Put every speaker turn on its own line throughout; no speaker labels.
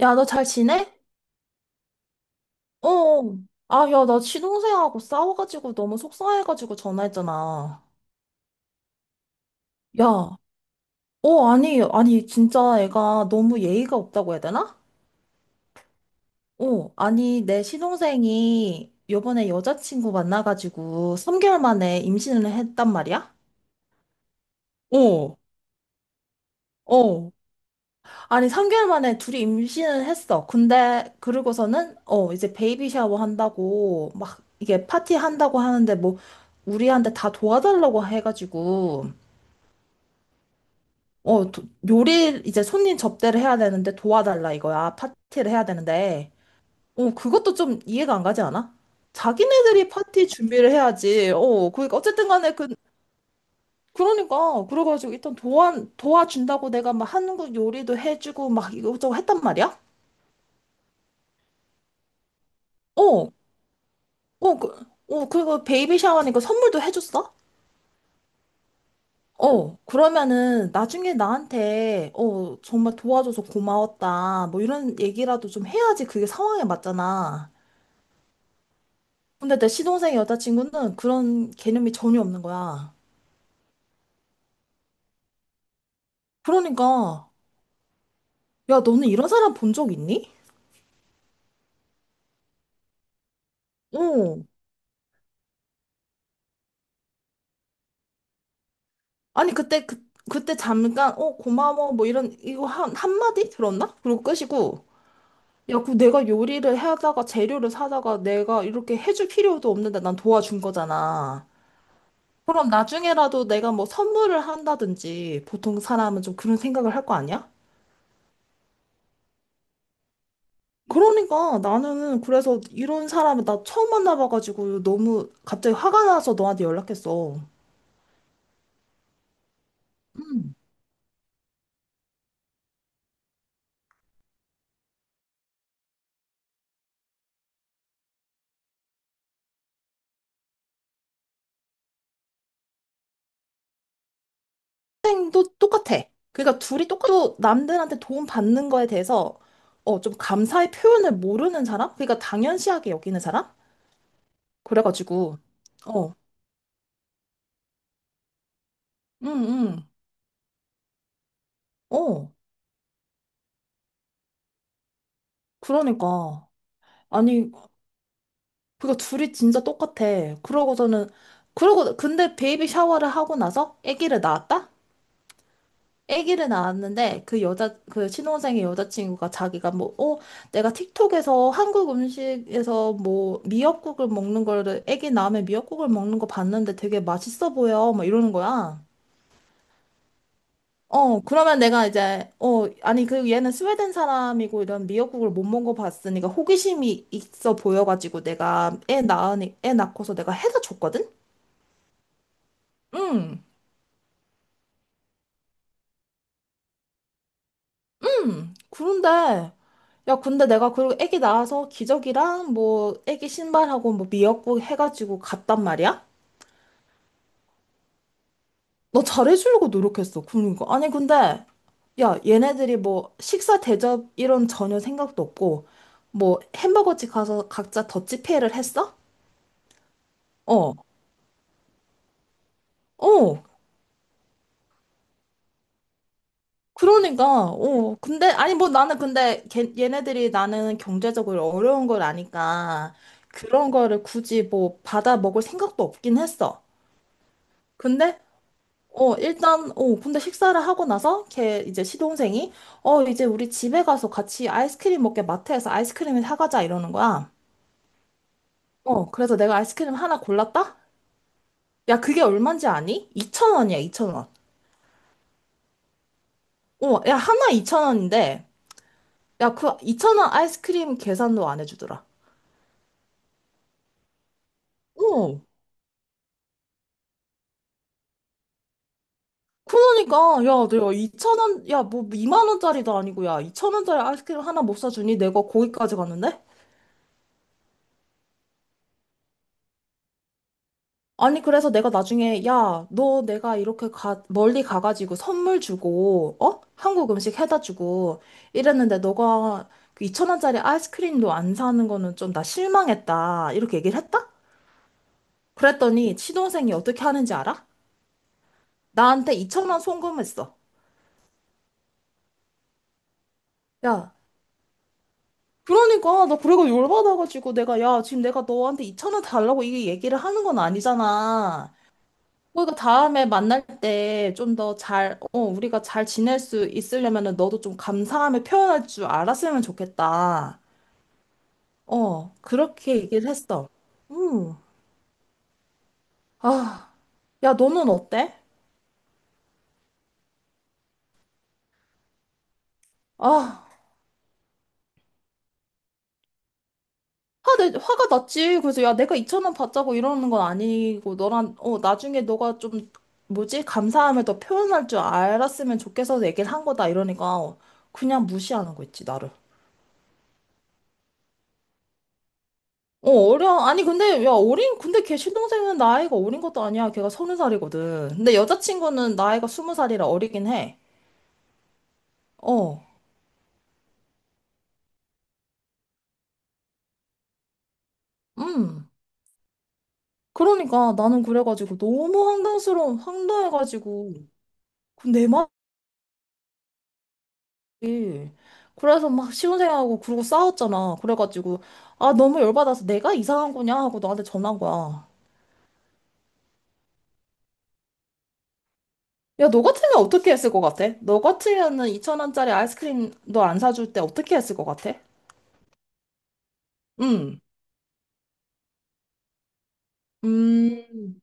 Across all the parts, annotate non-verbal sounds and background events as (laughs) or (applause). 야, 너 잘 지내? 어. 어. 아, 야, 나 시동생하고 싸워가지고 너무 속상해가지고 전화했잖아. 야, 어, 아니, 진짜 애가 너무 예의가 없다고 해야 되나? 어, 아니, 내 시동생이 요번에 여자친구 만나가지고 3개월 만에 임신을 했단 말이야? 어, 어. 아니, 3개월 만에 둘이 임신을 했어. 근데, 그러고서는, 어, 이제 베이비 샤워 한다고, 막, 이게 파티 한다고 하는데, 뭐, 우리한테 다 도와달라고 해가지고, 어, 도- 요리, 이제 손님 접대를 해야 되는데 도와달라 이거야. 파티를 해야 되는데, 어, 그것도 좀 이해가 안 가지 않아? 자기네들이 파티 준비를 해야지. 어, 그러니까, 어쨌든 간에, 그, 그러니까, 그래가지고, 일단 도와준다고 내가 막 한국 요리도 해주고, 막 이것저것 했단 말이야? 어, 어, 그, 어, 그리고 베이비 샤워니까 선물도 해줬어? 어, 그러면은 나중에 나한테, 어, 정말 도와줘서 고마웠다. 뭐 이런 얘기라도 좀 해야지 그게 상황에 맞잖아. 근데 내 시동생 여자친구는 그런 개념이 전혀 없는 거야. 그러니까, 야, 너는 이런 사람 본 적 있니? 어. 아니, 그때 잠깐, 어, 고마워. 뭐 이런, 이거 한마디 들었나? 그리고 끄시고. 야, 그 내가 요리를 하다가 재료를 사다가 내가 이렇게 해줄 필요도 없는데 난 도와준 거잖아. 그럼 나중에라도 내가 뭐 선물을 한다든지 보통 사람은 좀 그런 생각을 할 거 아니야? 그러니까 나는 그래서 이런 사람을 나 처음 만나봐가지고 너무 갑자기 화가 나서 너한테 연락했어. 학생도 똑같아. 그러니까 둘이 똑같고 남들한테 도움 받는 거에 대해서 어, 좀 감사의 표현을 모르는 사람? 그러니까 당연시하게 여기는 사람? 그래가지고 어, 응, 응, 어. 그러니까. 아니, 그니까 둘이 진짜 똑같아. 그러고서는, 그러고, 근데 베이비 샤워를 하고 나서 아기를 낳았다? 아기를 낳았는데 그 신혼생의 여자친구가 자기가 뭐, 어, 내가 틱톡에서 한국 음식에서 뭐 미역국을 먹는 거를, 아기 낳으면 미역국을 먹는 거 봤는데 되게 맛있어 보여. 막 이러는 거야. 어, 그러면 내가 이제, 어, 아니, 그 얘는 스웨덴 사람이고 이런 미역국을 못 먹어봤으니까 호기심이 있어 보여가지고 내가 애 낳고서 내가 해다 줬거든? 응, 응. 그런데, 야, 근데 내가 그리고 애기 낳아서 기저귀랑 뭐 애기 신발하고 뭐 미역국 해가지고 갔단 말이야? 나 잘해주려고 노력했어. 그러니까. 아니, 근데, 야, 얘네들이 뭐 식사 대접 이런 전혀 생각도 없고, 뭐 햄버거집 가서 각자 더치페이를 했어? 어. 어, 그러니까, 어, 근데, 아니, 뭐 나는 근데, 걔, 얘네들이 나는 경제적으로 어려운 걸 아니까, 그런 거를 굳이 뭐 받아 먹을 생각도 없긴 했어. 근데, 어, 일단, 어, 근데 식사를 하고 나서, 걔, 이제 시동생이, 어, 이제 우리 집에 가서 같이 아이스크림 먹게 마트에서 아이스크림을 사가자, 이러는 거야. 어, 그래서 내가 아이스크림 하나 골랐다? 야, 그게 얼만지 아니? 2천원이야2천원 어, 야, 하나 2천원인데 야, 그2천원 아이스크림 계산도 안 해주더라. 어. 그러니까, 야, 내가 2천 원, 야, 뭐 2만 원짜리도 아니고, 야, 2,000원짜리 아이스크림 하나 못 사주니 내가 거기까지 갔는데? 아니, 그래서 내가 나중에, 야, 너 내가 이렇게 가, 멀리 가가지고 선물 주고, 어? 한국 음식 해다 주고 이랬는데, 너가 2천 원짜리 아이스크림도 안 사는 거는 좀 나 실망했다. 이렇게 얘기를 했다? 그랬더니, 시동생이 어떻게 하는지 알아? 나한테 2천 원 송금했어. 야, 그러니까 나 그래가 열받아가지고 내가 야 지금 내가 너한테 2천 원 달라고 이게 얘기를 하는 건 아니잖아. 그러니까 다음에 만날 때 좀 더 잘, 어, 우리가 잘 지낼 수 있으려면은 너도 좀 감사함을 표현할 줄 알았으면 좋겠다. 어, 그렇게 얘기를 했어. 음. 아, 야 너는 어때? 아. 화가 났지. 그래서 야, 내가 2천 원 받자고 이러는 건 아니고 너랑 어 나중에 너가 좀 뭐지? 감사함을 더 표현할 줄 알았으면 좋겠어서 얘기를 한 거다 이러니까 어, 그냥 무시하는 거 있지 나를. 어 어려. 아니 근데 야 어린 근데 걔 신동생은 나이가 어린 것도 아니야. 걔가 서른 살이거든. 근데 여자친구는 나이가 스무 살이라 어리긴 해. 어. 음. 그러니까 나는 그래가지고 너무 황당스러운 황당해가지고 그내 말. 그치. 그래서 막 시운생하고 그러고 싸웠잖아. 그래가지고 아 너무 열받아서 내가 이상한 거냐 하고 너한테 전화한 거야. 야, 너 같으면 어떻게 했을 것 같아? 너 같으면은 2천원짜리 아이스크림 너 안 사줄 때 어떻게 했을 것 같아? 응. 음.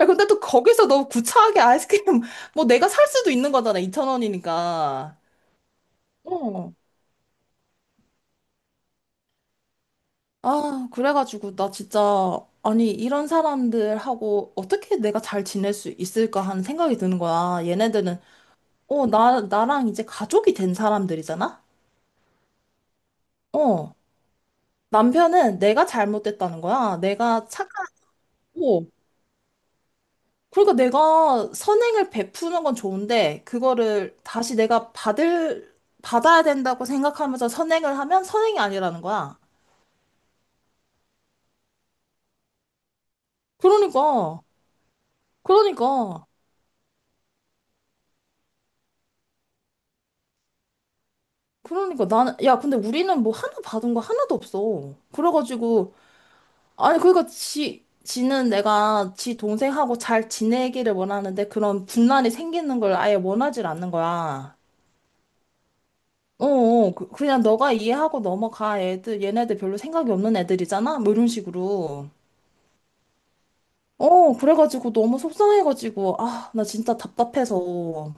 야, 근데 또 거기서 너무 구차하게 아이스크림 (laughs) 뭐 내가 살 수도 있는 거잖아. 2천원이니까. 어. 아, 그래가지고 나 진짜 아니 이런 사람들하고 어떻게 내가 잘 지낼 수 있을까 하는 생각이 드는 거야. 얘네들은 어, 나랑 이제 가족이 된 사람들이잖아? 어. 남편은 내가 잘못됐다는 거야. 내가 착하고. 그러니까 내가 선행을 베푸는 건 좋은데, 그거를 다시 내가 받을, 받아야 된다고 생각하면서 선행을 하면 선행이 아니라는 거야. 그러니까, 그러니까, 그러니까 나는, 야, 근데 우리는 뭐 하나 받은 거 하나도 없어. 그래가지고, 아니, 그러니까 지는 내가 지 동생하고 잘 지내기를 원하는데 그런 분란이 생기는 걸 아예 원하질 않는 거야. 어, 어, 그냥 너가 이해하고 넘어가. 얘네들 별로 생각이 없는 애들이잖아? 뭐 이런 식으로. 어, 그래가지고 너무 속상해가지고, 아, 나 진짜 답답해서.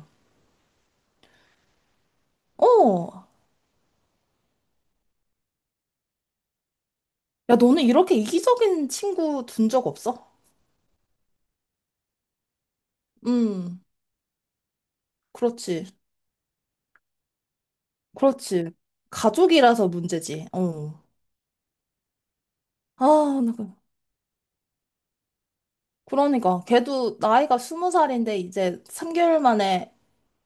어, 야, 너는 이렇게 이기적인 친구 둔 적 없어? 음, 그렇지. 그렇지. 가족이라서 문제지. 어. 아, 나. 그러니까 걔도 나이가 20살인데 이제 3개월 만에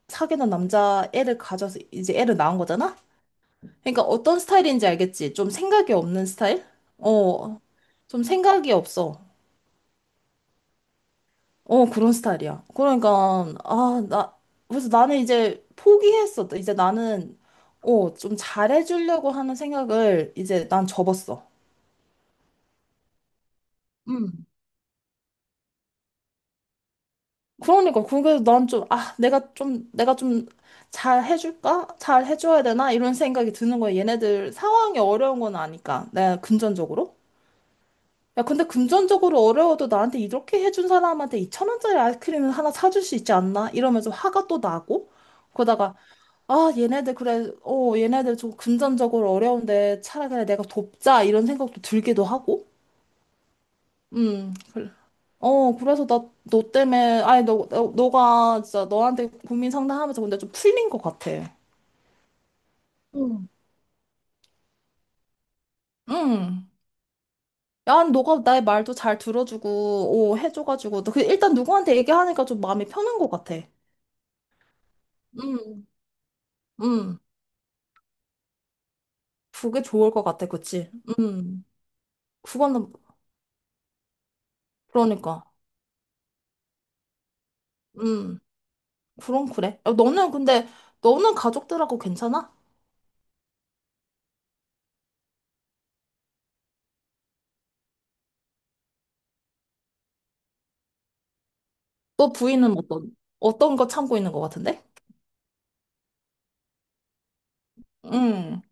사귀는 남자 애를 가져서 이제 애를 낳은 거잖아? 그러니까 어떤 스타일인지 알겠지? 좀 생각이 없는 스타일? 어, 좀 생각이 없어. 어, 그런 스타일이야. 그러니까 아, 나. 그래서 나는 이제 포기했어. 이제 나는 어, 좀 잘해주려고 하는 생각을 이제 난 접었어. 그러니까 그서난 좀, 아, 내가 좀 잘 해줄까? 잘 해줘야 되나? 이런 생각이 드는 거야. 얘네들 상황이 어려운 건 아니까. 내가 금전적으로. 야, 근데 금전적으로 어려워도 나한테 이렇게 해준 사람한테 2천 원짜리 아이스크림을 하나 사줄 수 있지 않나? 이러면서 화가 또 나고. 그러다가, 아, 얘네들 그래, 어, 얘네들 좀 금전적으로 어려운데 차라리 그냥 내가 돕자. 이런 생각도 들기도 하고. 그래. 어, 그래서 나, 너 때문에, 아니, 너가 진짜 너한테 고민 상담하면서 근데 좀 풀린 것 같아. 응. 야, 너가 나의 말도 잘 들어주고, 오, 해줘가지고, 그 일단 누구한테 얘기하니까 좀 마음이 편한 것 같아. 응, 응. 그게 좋을 것 같아, 그치? 응. 그거는, 그러니까. 응. 그럼 그래. 야, 너는 근데, 너는 가족들하고 괜찮아? 너 부인은 어떤, 어떤 거 참고 있는 것 같은데? 응.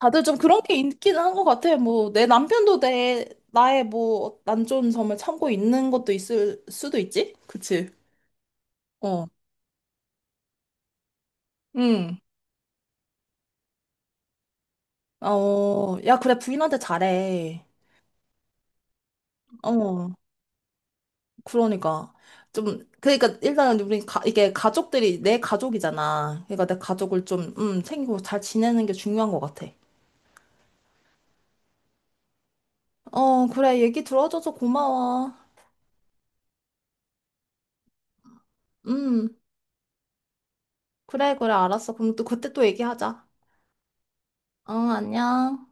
다들 좀 그런 게 있기는 한 것 같아. 뭐, 내 남편도 나의 뭐, 안 좋은 점을 참고 있는 것도 있을 수도 있지? 그치? 어. 응. 어, 야, 그래, 부인한테 잘해. 어, 그러니까. 좀, 그러니까, 일단은 이게 가족들이 내 가족이잖아. 그러니까 내 가족을 좀, 챙기고 잘 지내는 게 중요한 것 같아. 어, 그래, 얘기 들어줘서 고마워. 음, 그래, 그래, 알았어. 그럼 또 그때 또 얘기하자. 어, 안녕.